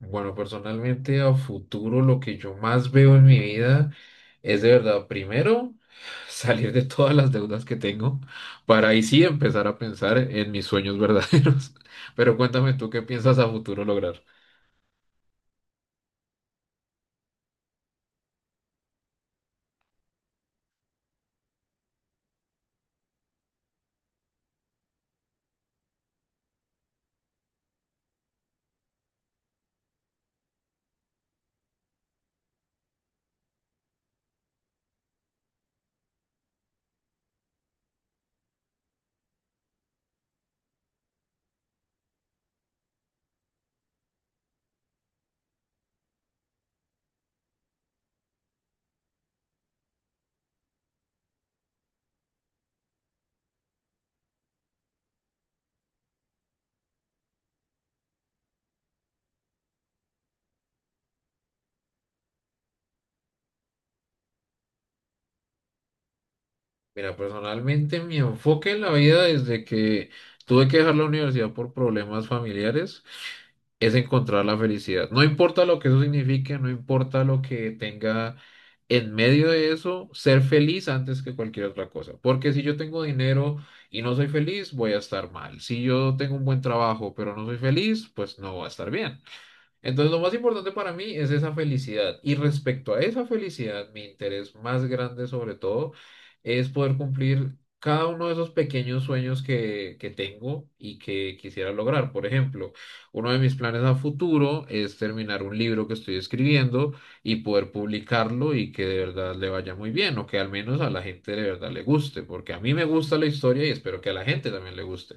Bueno, personalmente a futuro lo que yo más veo en mi vida es de verdad, primero, salir de todas las deudas que tengo para ahí sí empezar a pensar en mis sueños verdaderos. Pero cuéntame tú qué piensas a futuro lograr. Mira, personalmente mi enfoque en la vida desde que tuve que dejar la universidad por problemas familiares es encontrar la felicidad. No importa lo que eso signifique, no importa lo que tenga en medio de eso, ser feliz antes que cualquier otra cosa. Porque si yo tengo dinero y no soy feliz, voy a estar mal. Si yo tengo un buen trabajo, pero no soy feliz, pues no voy a estar bien. Entonces, lo más importante para mí es esa felicidad. Y respecto a esa felicidad, mi interés más grande sobre todo es poder cumplir cada uno de esos pequeños sueños que tengo y que quisiera lograr. Por ejemplo, uno de mis planes a futuro es terminar un libro que estoy escribiendo y poder publicarlo y que de verdad le vaya muy bien, o que al menos a la gente de verdad le guste, porque a mí me gusta la historia y espero que a la gente también le guste.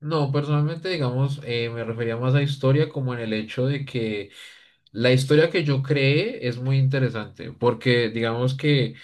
No, personalmente, digamos, me refería más a historia como en el hecho de que la historia que yo creé es muy interesante, porque digamos que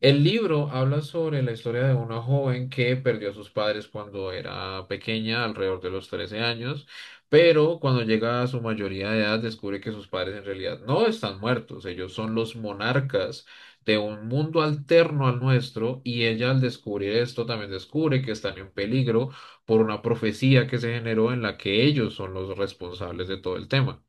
el libro habla sobre la historia de una joven que perdió a sus padres cuando era pequeña, alrededor de los 13 años, pero cuando llega a su mayoría de edad descubre que sus padres en realidad no están muertos, ellos son los monarcas de un mundo alterno al nuestro, y ella, al descubrir esto, también descubre que están en peligro por una profecía que se generó, en la que ellos son los responsables de todo el tema.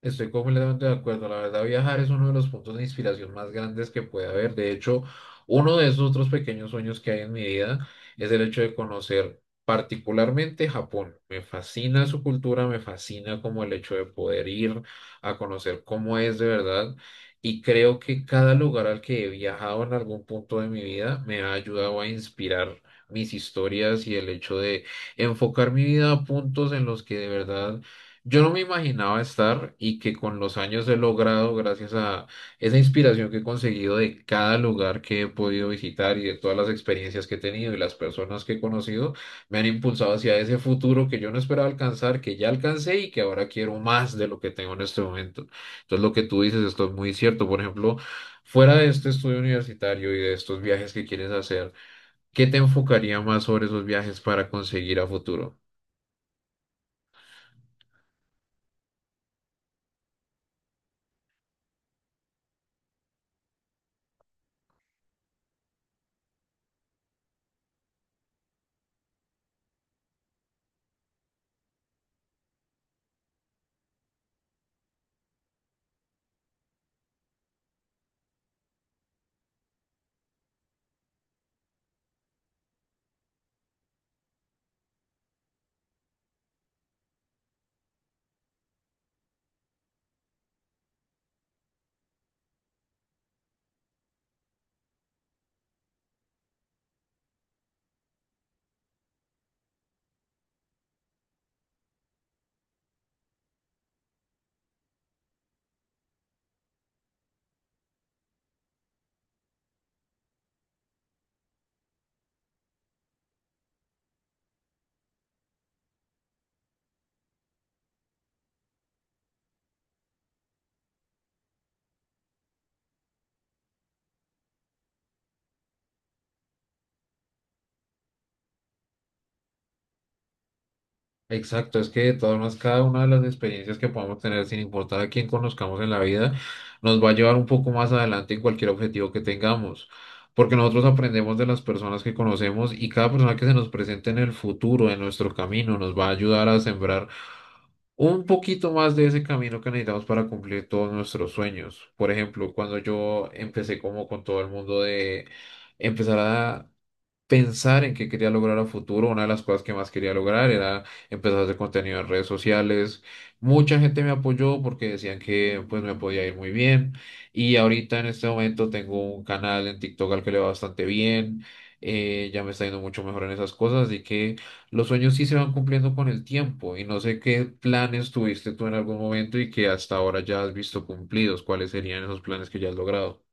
Estoy completamente de acuerdo. La verdad, viajar es uno de los puntos de inspiración más grandes que puede haber. De hecho, uno de esos otros pequeños sueños que hay en mi vida es el hecho de conocer particularmente Japón. Me fascina su cultura, me fascina como el hecho de poder ir a conocer cómo es de verdad. Y creo que cada lugar al que he viajado en algún punto de mi vida me ha ayudado a inspirar mis historias, y el hecho de enfocar mi vida a puntos en los que de verdad yo no me imaginaba estar y que con los años he logrado, gracias a esa inspiración que he conseguido de cada lugar que he podido visitar y de todas las experiencias que he tenido y las personas que he conocido, me han impulsado hacia ese futuro que yo no esperaba alcanzar, que ya alcancé y que ahora quiero más de lo que tengo en este momento. Entonces, lo que tú dices, esto es muy cierto. Por ejemplo, fuera de este estudio universitario y de estos viajes que quieres hacer, ¿qué te enfocaría más sobre esos viajes para conseguir a futuro? Exacto, es que de todas maneras cada una de las experiencias que podamos tener, sin importar a quién conozcamos en la vida, nos va a llevar un poco más adelante en cualquier objetivo que tengamos, porque nosotros aprendemos de las personas que conocemos, y cada persona que se nos presente en el futuro, en nuestro camino, nos va a ayudar a sembrar un poquito más de ese camino que necesitamos para cumplir todos nuestros sueños. Por ejemplo, cuando yo empecé como con todo el mundo de empezar a pensar en qué quería lograr a futuro, una de las cosas que más quería lograr era empezar a hacer contenido en redes sociales. Mucha gente me apoyó porque decían que pues me podía ir muy bien. Y ahorita en este momento tengo un canal en TikTok al que le va bastante bien. Ya me está yendo mucho mejor en esas cosas, así que los sueños sí se van cumpliendo con el tiempo. Y no sé qué planes tuviste tú en algún momento y que hasta ahora ya has visto cumplidos. ¿Cuáles serían esos planes que ya has logrado?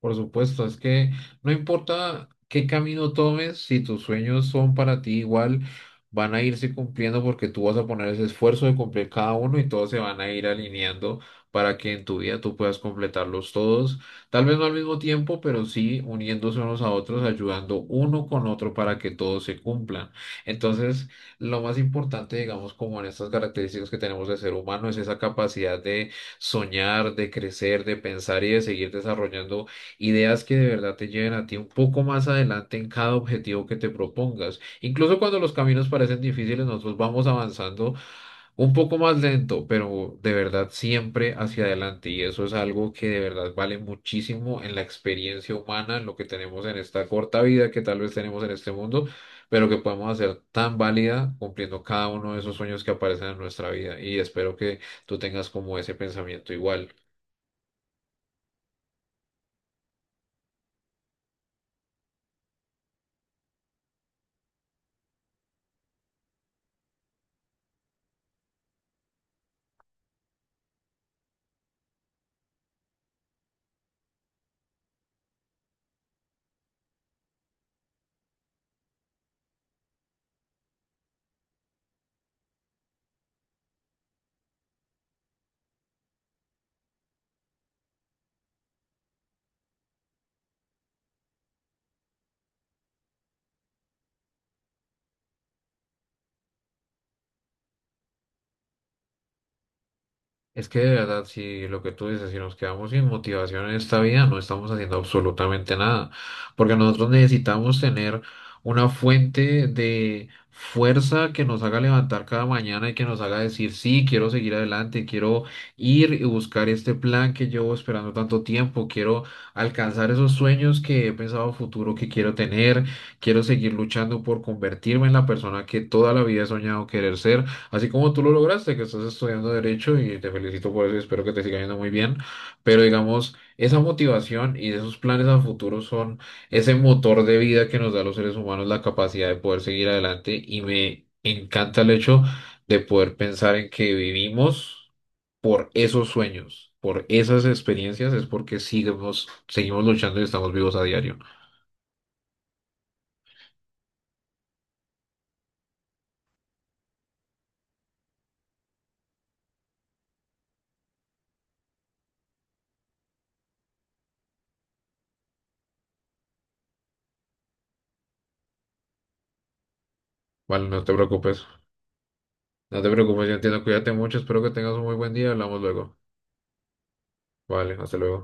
Por supuesto, es que no importa qué camino tomes, si tus sueños son para ti igual, van a irse cumpliendo, porque tú vas a poner ese esfuerzo de cumplir cada uno y todos se van a ir alineando para que en tu vida tú puedas completarlos todos, tal vez no al mismo tiempo, pero sí uniéndose unos a otros, ayudando uno con otro para que todos se cumplan. Entonces, lo más importante, digamos, como en estas características que tenemos de ser humano, es esa capacidad de soñar, de crecer, de pensar y de seguir desarrollando ideas que de verdad te lleven a ti un poco más adelante en cada objetivo que te propongas. Incluso cuando los caminos parecen difíciles, nosotros vamos avanzando un poco más lento, pero de verdad siempre hacia adelante. Y eso es algo que de verdad vale muchísimo en la experiencia humana, en lo que tenemos en esta corta vida que tal vez tenemos en este mundo, pero que podemos hacer tan válida cumpliendo cada uno de esos sueños que aparecen en nuestra vida. Y espero que tú tengas como ese pensamiento igual. Es que de verdad, si lo que tú dices, si nos quedamos sin motivación en esta vida, no estamos haciendo absolutamente nada, porque nosotros necesitamos tener una fuente de fuerza que nos haga levantar cada mañana y que nos haga decir, sí, quiero seguir adelante, quiero ir y buscar este plan que llevo esperando tanto tiempo, quiero alcanzar esos sueños que he pensado a futuro que quiero tener, quiero seguir luchando por convertirme en la persona que toda la vida he soñado querer ser. Así como tú lo lograste, que estás estudiando derecho, y te felicito por eso y espero que te siga yendo muy bien, pero digamos, esa motivación y esos planes a futuro son ese motor de vida que nos da a los seres humanos la capacidad de poder seguir adelante, y me encanta el hecho de poder pensar en que vivimos por esos sueños, por esas experiencias, es porque seguimos, seguimos luchando y estamos vivos a diario. Vale, no te preocupes, no te preocupes, yo entiendo, cuídate mucho, espero que tengas un muy buen día, hablamos luego. Vale, hasta luego.